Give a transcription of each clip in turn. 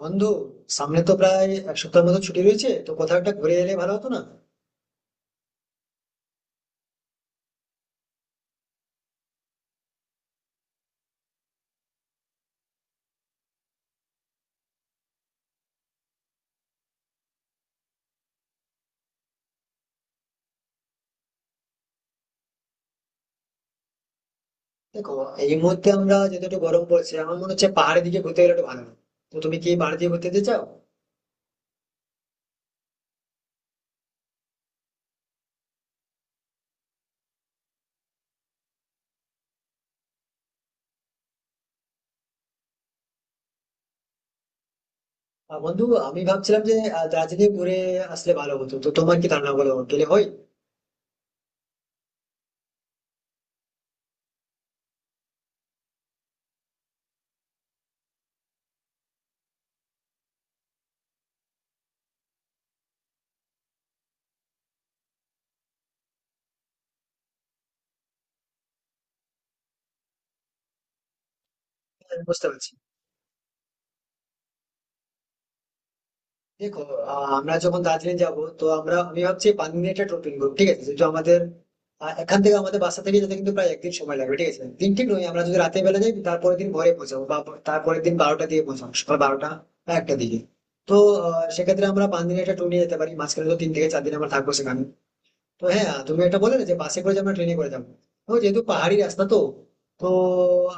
বন্ধু, সামনে তো প্রায় এক সপ্তাহের মতো ছুটি রয়েছে, তো কোথাও একটা ঘুরে এলে ভালো হতো না? দেখো, এই মুহূর্তে আমরা যেহেতু একটু গরম পড়ছে, আমার মনে হচ্ছে পাহাড়ের দিকে ঘুরতে গেলে একটু ভালো হয়। তো তুমি কি পাহাড়ের দিকে ঘুরতে যেতে চাও? বন্ধু, আমি ভাবছিলাম যে দার্জিলিং ঘুরে আসলে ভালো হতো, তো তোমার কি ধারণা, বলো গেলে হয়? হ্যাঁ, বুঝতে পারছি। দেখো, আমরা যখন দার্জিলিং যাব, তো আমি ভাবছি পানজির একটা টোটো নিবো, ঠিক আছে? যেহেতু আমাদের এখান থেকে আমাদের বাসা থেকে যেতে কিন্তু প্রায় একদিন সময় লাগবে, ঠিক আছে? দিন ঠিক নয়, আমরা যদি রাতে বেলা যাই, তারপরের দিন ভোরে পৌঁছাবো, বা তারপরের দিন বারোটা দিয়ে পৌঁছাবো, সকাল বারোটা বা একটা দিকে। তো সেক্ষেত্রে আমরা পাঁচ দিনের একটা ট্যুর নিয়ে যেতে পারি, মাঝখানে তো তিন থেকে চার দিন আমরা থাকবো সেখানে। তো হ্যাঁ, তুমি এটা বলে না যে বাসে করে যে আমরা ট্রেনে করে যাবো, তো যেহেতু পাহাড়ি রাস্তা, তো তো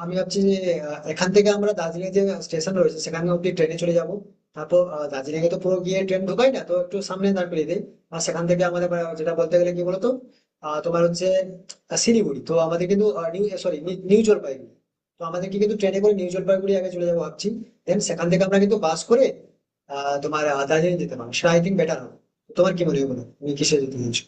আমি ভাবছি যে এখান থেকে আমরা দার্জিলিং যে স্টেশন রয়েছে সেখানে অব্দি ট্রেনে চলে যাব। তারপর দার্জিলিং এ তো পুরো গিয়ে ট্রেন ঢোকাই না, তো একটু সামনে দাঁড় করিয়ে দেয়। আর সেখান থেকে আমাদের যেটা বলতে গেলে কি বলতো, তোমার হচ্ছে শিলিগুড়ি, তো আমাদের কিন্তু নিউ সরি, নিউ জলপাইগুড়ি। তো আমাদেরকে কিন্তু ট্রেনে করে নিউ জলপাইগুড়ি আগে চলে যাবো ভাবছি। দেন সেখান থেকে আমরা কিন্তু বাস করে তোমার দার্জিলিং যেতে পারবো, সেটা আই থিঙ্ক বেটার হবে। তোমার কি মনে হয়, বলো? তুমি কিসে যেতে চাইছো?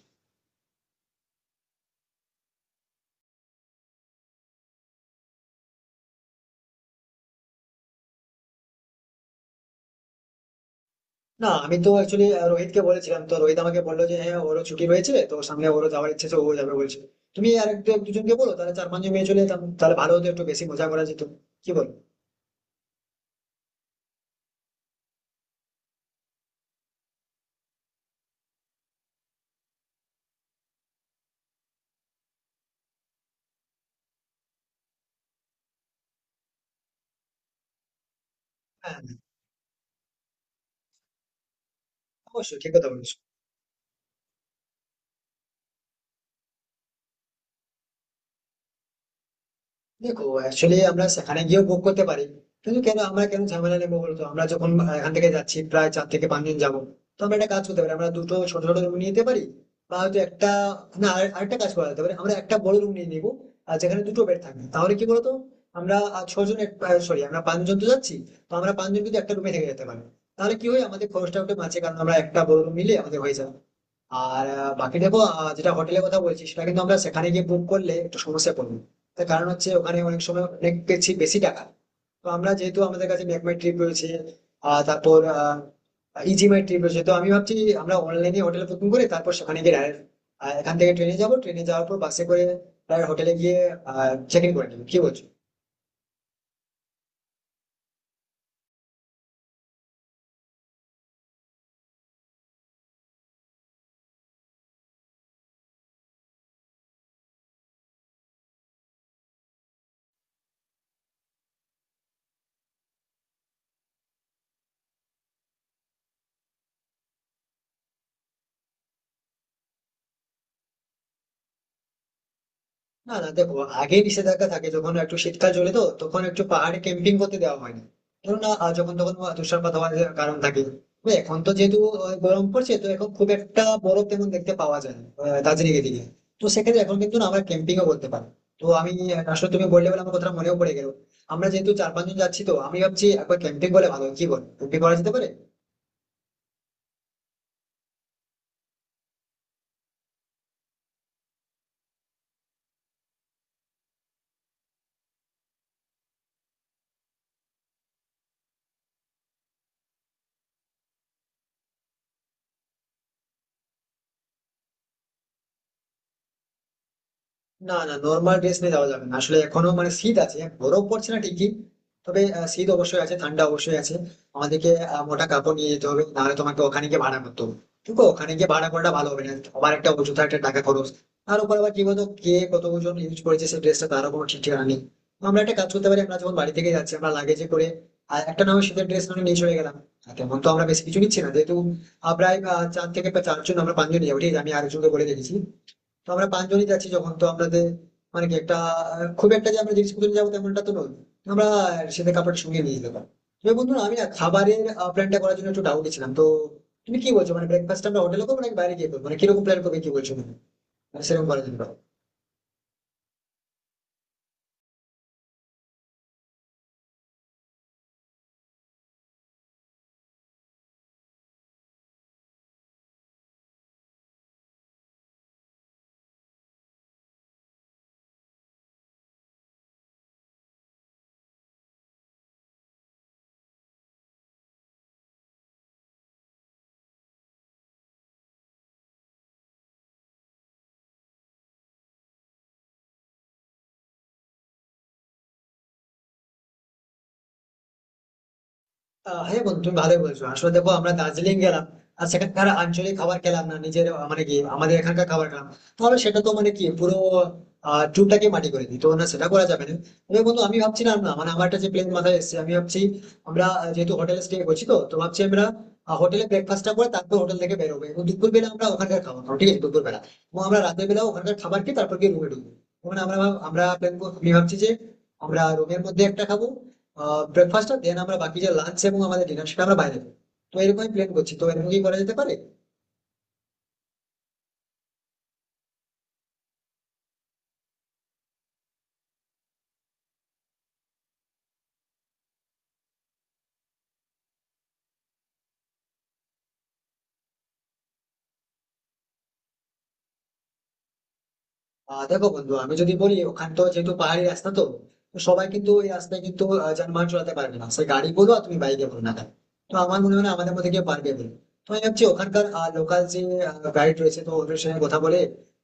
না, আমি তো অ্যাকচুয়ালি রোহিতকে বলেছিলাম, তো রোহিত আমাকে বললো যে হ্যাঁ, ওরও ছুটি হয়েছে, তো সামনে ওরও যাওয়ার ইচ্ছে, তো ও যাবে বলছে। তুমি আর এক দুজনকে বলো, তাহলে চার পাঁচজন মেয়ে চলে যেতাম, তাহলে ভালো হতো, একটু বেশি মজা করা যেত। কি বল? হ্যাঁ, অবশ্যই ঠিক কথা বলেছো। দেখো, অ্যাকচুয়ালি আমরা সেখানে গিয়েও বুক করতে পারি, কিন্তু কেন আমরা কেন ঝামেলা নেবো বলতো? আমরা যখন এখান থেকে যাচ্ছি প্রায় চার থেকে পাঁচ দিন যাবো, তো আমরা একটা কাজ করতে পারি, আমরা দুটো ছোট ছোট রুম নিয়ে নিতে পারি, বা হয়তো একটা, আরেকটা কাজ করা যেতে পারে, আমরা একটা বড় রুম নিয়ে নিবো আর যেখানে দুটো বেড থাকবে। তাহলে কি বলতো, আমরা ছজন সরি, আমরা পাঁচজন তো যাচ্ছি, তো আমরা পাঁচজন কিন্তু একটা রুমে থেকে যেতে পারি। তাহলে কি হয়, আমাদের খরচটা একটু বাঁচে, কারণ আমরা একটা বড় রুম নিলে আমাদের হয়ে যাবে। আর বাকি দেখো, যেটা হোটেলের কথা বলছি সেটা কিন্তু আমরা সেখানে গিয়ে বুক করলে একটু সমস্যা পড়বে। তার কারণ হচ্ছে ওখানে অনেক সময় অনেক বেশি বেশি টাকা। তো আমরা যেহেতু আমাদের কাছে মেকমাই ট্রিপ রয়েছে, তারপর ইজিমাই ট্রিপ রয়েছে, তো আমি ভাবছি আমরা অনলাইনে হোটেল বুকিং করে তারপর সেখানে গিয়ে direct, এখান থেকে ট্রেনে যাব, ট্রেনে যাওয়ার পর বাসে করে হোটেলে গিয়ে চেক ইন করে নেবো। কি বলছো? না না, দেখো, আগে নিষেধাজ্ঞা থাকে যখন একটু শীতকাল চলে, তো তখন একটু পাহাড়ে ক্যাম্পিং করতে দেওয়া হয় না। ধরো না, যখন তখন তুষারপাত হওয়ার কারণ থাকে। তবে এখন তো যেহেতু গরম পড়ছে, তো এখন খুব একটা বরফ তেমন দেখতে পাওয়া যায় না দার্জিলিং এর দিকে। তো সেক্ষেত্রে এখন কিন্তু না আমরা ক্যাম্পিংও করতে পারি। তো আমি আসলে তুমি বললে বলে আমার কথা মনেও পড়ে গেল। আমরা যেহেতু চার পাঁচজন যাচ্ছি, তো আমি ভাবছি একবার ক্যাম্পিং বলে ভালো হয়। কি বল, ক্যাম্পিং করা যেতে পারে? না না, নর্মাল ড্রেস নিয়ে যাওয়া যাবে না, আসলে এখনো মানে শীত আছে, বরফ পড়ছে না ঠিকই, তবে শীত অবশ্যই আছে, ঠান্ডা অবশ্যই আছে। আমাদেরকে মোটা কাপড় নিয়ে যেতে হবে, নাহলে তোমাকে ওখানে গিয়ে ভাড়া করতে হবে। দেখো, ওখানে গিয়ে ভাড়া করাটা ভালো হবে না, আবার একটা অযথা একটা টাকা খরচ। তার উপর আবার কি বলতো, কে কত ওজন ইউজ করেছে সেই ড্রেসটা, তারও কোনো ঠিক ঠিকানা নেই। তো আমরা একটা কাজ করতে পারি, আমরা যখন বাড়ি থেকে যাচ্ছি আমরা লাগেজে করে আর একটা না হয় শীতের ড্রেস নিয়ে চলে গেলাম। আর তেমন তো আমরা বেশি কিছু নিচ্ছি না, যেহেতু প্রায় চারজন, আমরা পাঁচজন যাবো, ঠিক আছে? আমি আরেকজনকে বলে রেখেছি। তো আমরা পাঁচজনই যাচ্ছি যখন, তো আমাদের মানে কি একটা খুব একটা যে আমরা জিনিসপত্র নিয়ে যাবো তেমনটা তো নয়। আমরা সেটা কাপড় সঙ্গে নিয়ে যেতে পারি। তবে বন্ধু, আমি না খাবারের প্ল্যানটা করার জন্য একটু ডাউটে ছিলাম, তো তুমি কি বলছো, মানে ব্রেকফাস্ট আমরা হোটেলে করবো নাকি বাইরে গিয়ে করবো, মানে কিরকম প্ল্যান করবে, কি বলছো তুমি? মানে সেরকম করার জন্য। হ্যাঁ বন্ধু, তুমি ভালোই বলছো, আসলে দেখো আমরা দার্জিলিং গেলাম আর সেখানকার আঞ্চলিক খাবার খেলাম না, নিজের মানে কি আমাদের এখানকার খাবার খেলাম, তাহলে সেটা তো মানে কি পুরো ট্যুরটাকে মাটি করে দিই, তো না সেটা করা যাবে না। তবে বন্ধু, আমি ভাবছিলাম না, মানে আমার একটা যে প্ল্যান মাথায় এসেছে, আমি ভাবছি আমরা যেহেতু হোটেলে স্টে করছি, তো তো ভাবছি আমরা হোটেলে ব্রেকফাস্টটা করে তারপর হোটেল থেকে বেরোবো, এবং দুপুর বেলা আমরা ওখানকার খাবার খাবো, ঠিক আছে? দুপুর বেলা, এবং আমরা রাতের বেলা ওখানকার খাবার খেয়ে তারপর গিয়ে রুমে ঢুকবো। মানে আমরা প্ল্যান, আমি ভাবছি যে আমরা রুমের মধ্যে একটা খাবো ব্রেকফাস্টটা, দেন আমরা বাকি যে লাঞ্চ এবং আমাদের ডিনার, সেটা আমরা বাইরে দেবো। তো এরকমই প্ল্যান করছি, তো এরকম কি করা যেতে পারে? দেখো বন্ধু, আমি যদি বলি, ওখানে তো যেহেতু পাহাড়ি রাস্তা, তো তো সবাই কিন্তু ওই রাস্তায় কিন্তু যানবাহন চালাতে পারবে না, সে গাড়ি বলো আর তুমি বাইকে বলো না কেন। তো আমার মনে হয় না আমাদের মধ্যে কেউ পারবে বলে। তো আমি ভাবছি ওখানকার লোকাল যে গাইড রয়েছে, তো ওদের সঙ্গে কথা বলে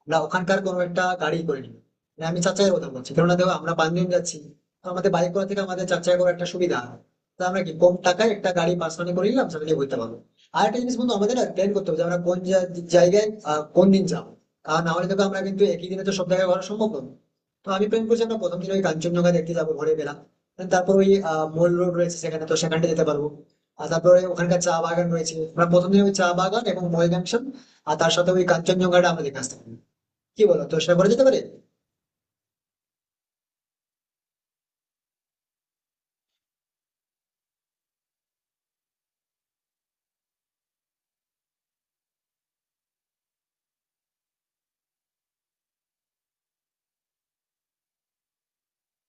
আমরা ওখানকার কোনো একটা গাড়ি করে নিই। মানে আমি চার চাকার কথা বলছি, কেননা দেখো আমরা পাঁচজন যাচ্ছি, তো আমাদের বাইক করা থেকে আমাদের চার চাকা করার একটা সুবিধা হয়। তা আমরা কি কম টাকায় একটা গাড়ি পার্সোনালি করে নিলাম, সেটা নিয়ে ঘুরতে পারবো। আর একটা জিনিস বন্ধু, আমাদের না প্ল্যান করতে হবে যে আমরা জায়গায় কোন দিন যাবো। আর না হলে দেখো আমরা কিন্তু একই দিনে তো সব জায়গায় ঘোরা সম্ভব নয়। তো আমি প্ল্যান করছি আমরা প্রথম দিন ওই কাঞ্চনজঙ্ঘা দেখতে যাবো ভোরে বেলা। And তারপর ওই মল রোড রয়েছে সেখানে, তো সেখানটা যেতে পারবো। আর তারপরে ওখানকার চা বাগান রয়েছে, আমরা প্রথম দিন ওই চা বাগান এবং মল জাংশন আর তার সাথে ওই কাঞ্চনজঙ্ঘাটা আমরা দেখে আসতে পারি। কি বলো, তো সে করা যেতে পারে?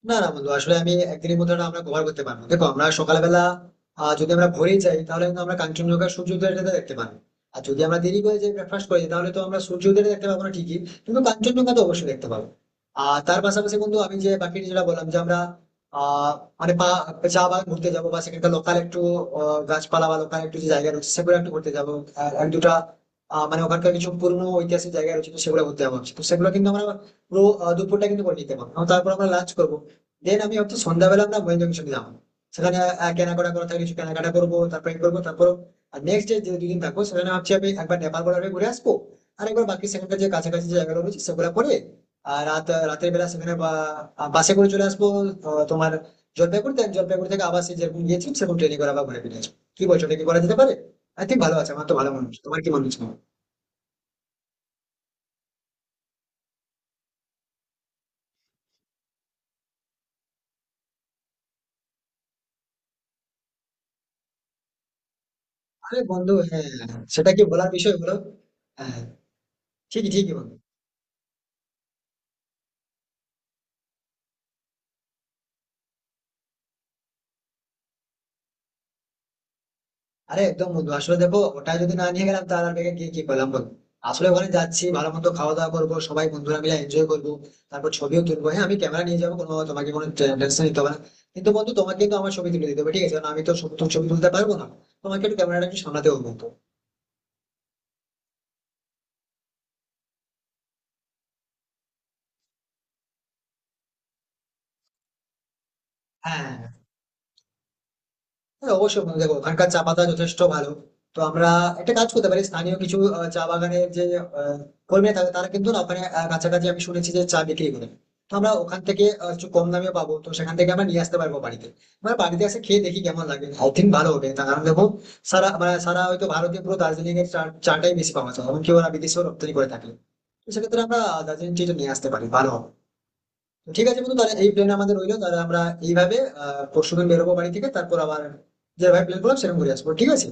না না বন্ধু, আসলে আমি একদিনের মধ্যে ওটা আমরা কভার করতে পারবো। দেখো আমরা সকালবেলা, যদি আমরা ভোরেই যাই তাহলে কিন্তু আমরা কাঞ্চনজঙ্ঘা সূর্য উদয়টা দেখতে পারবো। আর যদি আমরা দেরি করে যাই, ব্রেকফাস্ট করে যাই, তাহলে তো আমরা সূর্য উদয়টা দেখতে পাবো না ঠিকই, কিন্তু কাঞ্চনজঙ্ঘা তো অবশ্যই দেখতে পাবো। আর তার পাশাপাশি বন্ধু, আমি যে বাকিটা যেটা বললাম যে আমরা আহ মানে পা- চা বাগান ঘুরতে যাবো বা সেখানকার লোকাল একটু গাছপালা বা লোকাল একটু যে জায়গা রয়েছে সেগুলো একটু ঘুরতে যাবো। আর এক দুটা মানে ওখানকার কিছু পুরনো ঐতিহাসিক জায়গা রয়েছে, তো সেগুলো ঘুরতে যাবো ভাবছি। তো সেগুলো কিন্তু আমরা পুরো দুপুরটা কিন্তু করে নিতে পারবো, এবং তারপর আমরা লাঞ্চ করবো। দেন আমি হচ্ছে সন্ধ্যাবেলা আমরা মহেন্দ্র কিছু দিলাম সেখানে, কেনাকাটা করা থাকে, কিছু কেনাকাটা করবো, তারপরে ই করবো, তারপর নেক্সট ডে যে দুদিন থাকবো সেখানে ভাবছি আমি একবার নেপাল বর্ডার ঘুরে আসবো। আর একবার বাকি সেখানকার যে কাছাকাছি যে জায়গাগুলো রয়েছে সেগুলো করে আর রাতের বেলা সেখানে বাসে করে চলে আসবো। তোমার জলপাইগুড়ি থেকে আবার সেই যেরকম গিয়েছি সেরকম ট্রেনে করে আবার ঘুরে ফিরে আসবো। কি বলছো, এটা কি করা যেতে পারে? আই থিঙ্ক ভালো আছে, আমার তো ভালো মনে হচ্ছে, তোমার কি মনে হচ্ছে? আরে বন্ধু হ্যাঁ, সেটা কি বলার বিষয় হলো? হ্যাঁ, ঠিকই ঠিকই বন্ধু। আরে একদম বন্ধু, আসলে দেখো ওটা যদি না নিয়ে গেলাম তাহলে আর ব্যাগে গিয়ে কি করলাম বলো। আসলে ওখানে যাচ্ছি, ভালো মন্দ খাওয়া দাওয়া করবো, সবাই বন্ধুরা মিলে এনজয় করবো, তারপর ছবিও তুলবো। হ্যাঁ, আমি ক্যামেরা নিয়ে যাবো, কোনো তোমাকে কোনো টেনশন নিতে হবে না। কিন্তু বন্ধু, তোমাকে কিন্তু আমার ছবি তুলে দিতে হবে, ঠিক আছে? কারণ আমি তো তোমার ছবি তুলতে পারবো না, তোমাকে একটু ক্যামেরাটা একটু সামলাতে হবে বন্ধু। হ্যাঁ হ্যাঁ অবশ্যই বন্ধু, দেখো ওখানকার চা পাতা যথেষ্ট ভালো। তো আমরা একটা কাজ করতে পারি, স্থানীয় কিছু চা বাগানের যে আহ, কর্মীরা থাকে তারা কিন্তু না ওখানে কাছাকাছি আমি শুনেছি যে চা বিক্রি করে। তো আমরা ওখান থেকে একটু কম দামে পাবো, তো সেখান থেকে আমরা নিয়ে আসতে পারবো বাড়িতে। মানে বাড়িতে এসে খেয়ে দেখি কেমন লাগে, আই থিঙ্ক ভালো হবে। তার কারণ দেখো, সারা হয়তো ভারতীয় পুরো দার্জিলিং এর চা চাটাই বেশি পাওয়া যায়, এমনকি ওরা বিদেশেও রপ্তানি করে থাকে। তো সেক্ষেত্রে আমরা দার্জিলিং টিটা নিয়ে আসতে পারি, ভালো হবে। তো ঠিক আছে বন্ধু, তাহলে এই প্ল্যান আমাদের রইলো, তাহলে আমরা এইভাবে পরশুদিন বেরোবো বাড়ি থেকে, তারপর আবার যেভাবে প্ল্যান করলাম সেরকম ঘুরে আসবো, ঠিক আছে?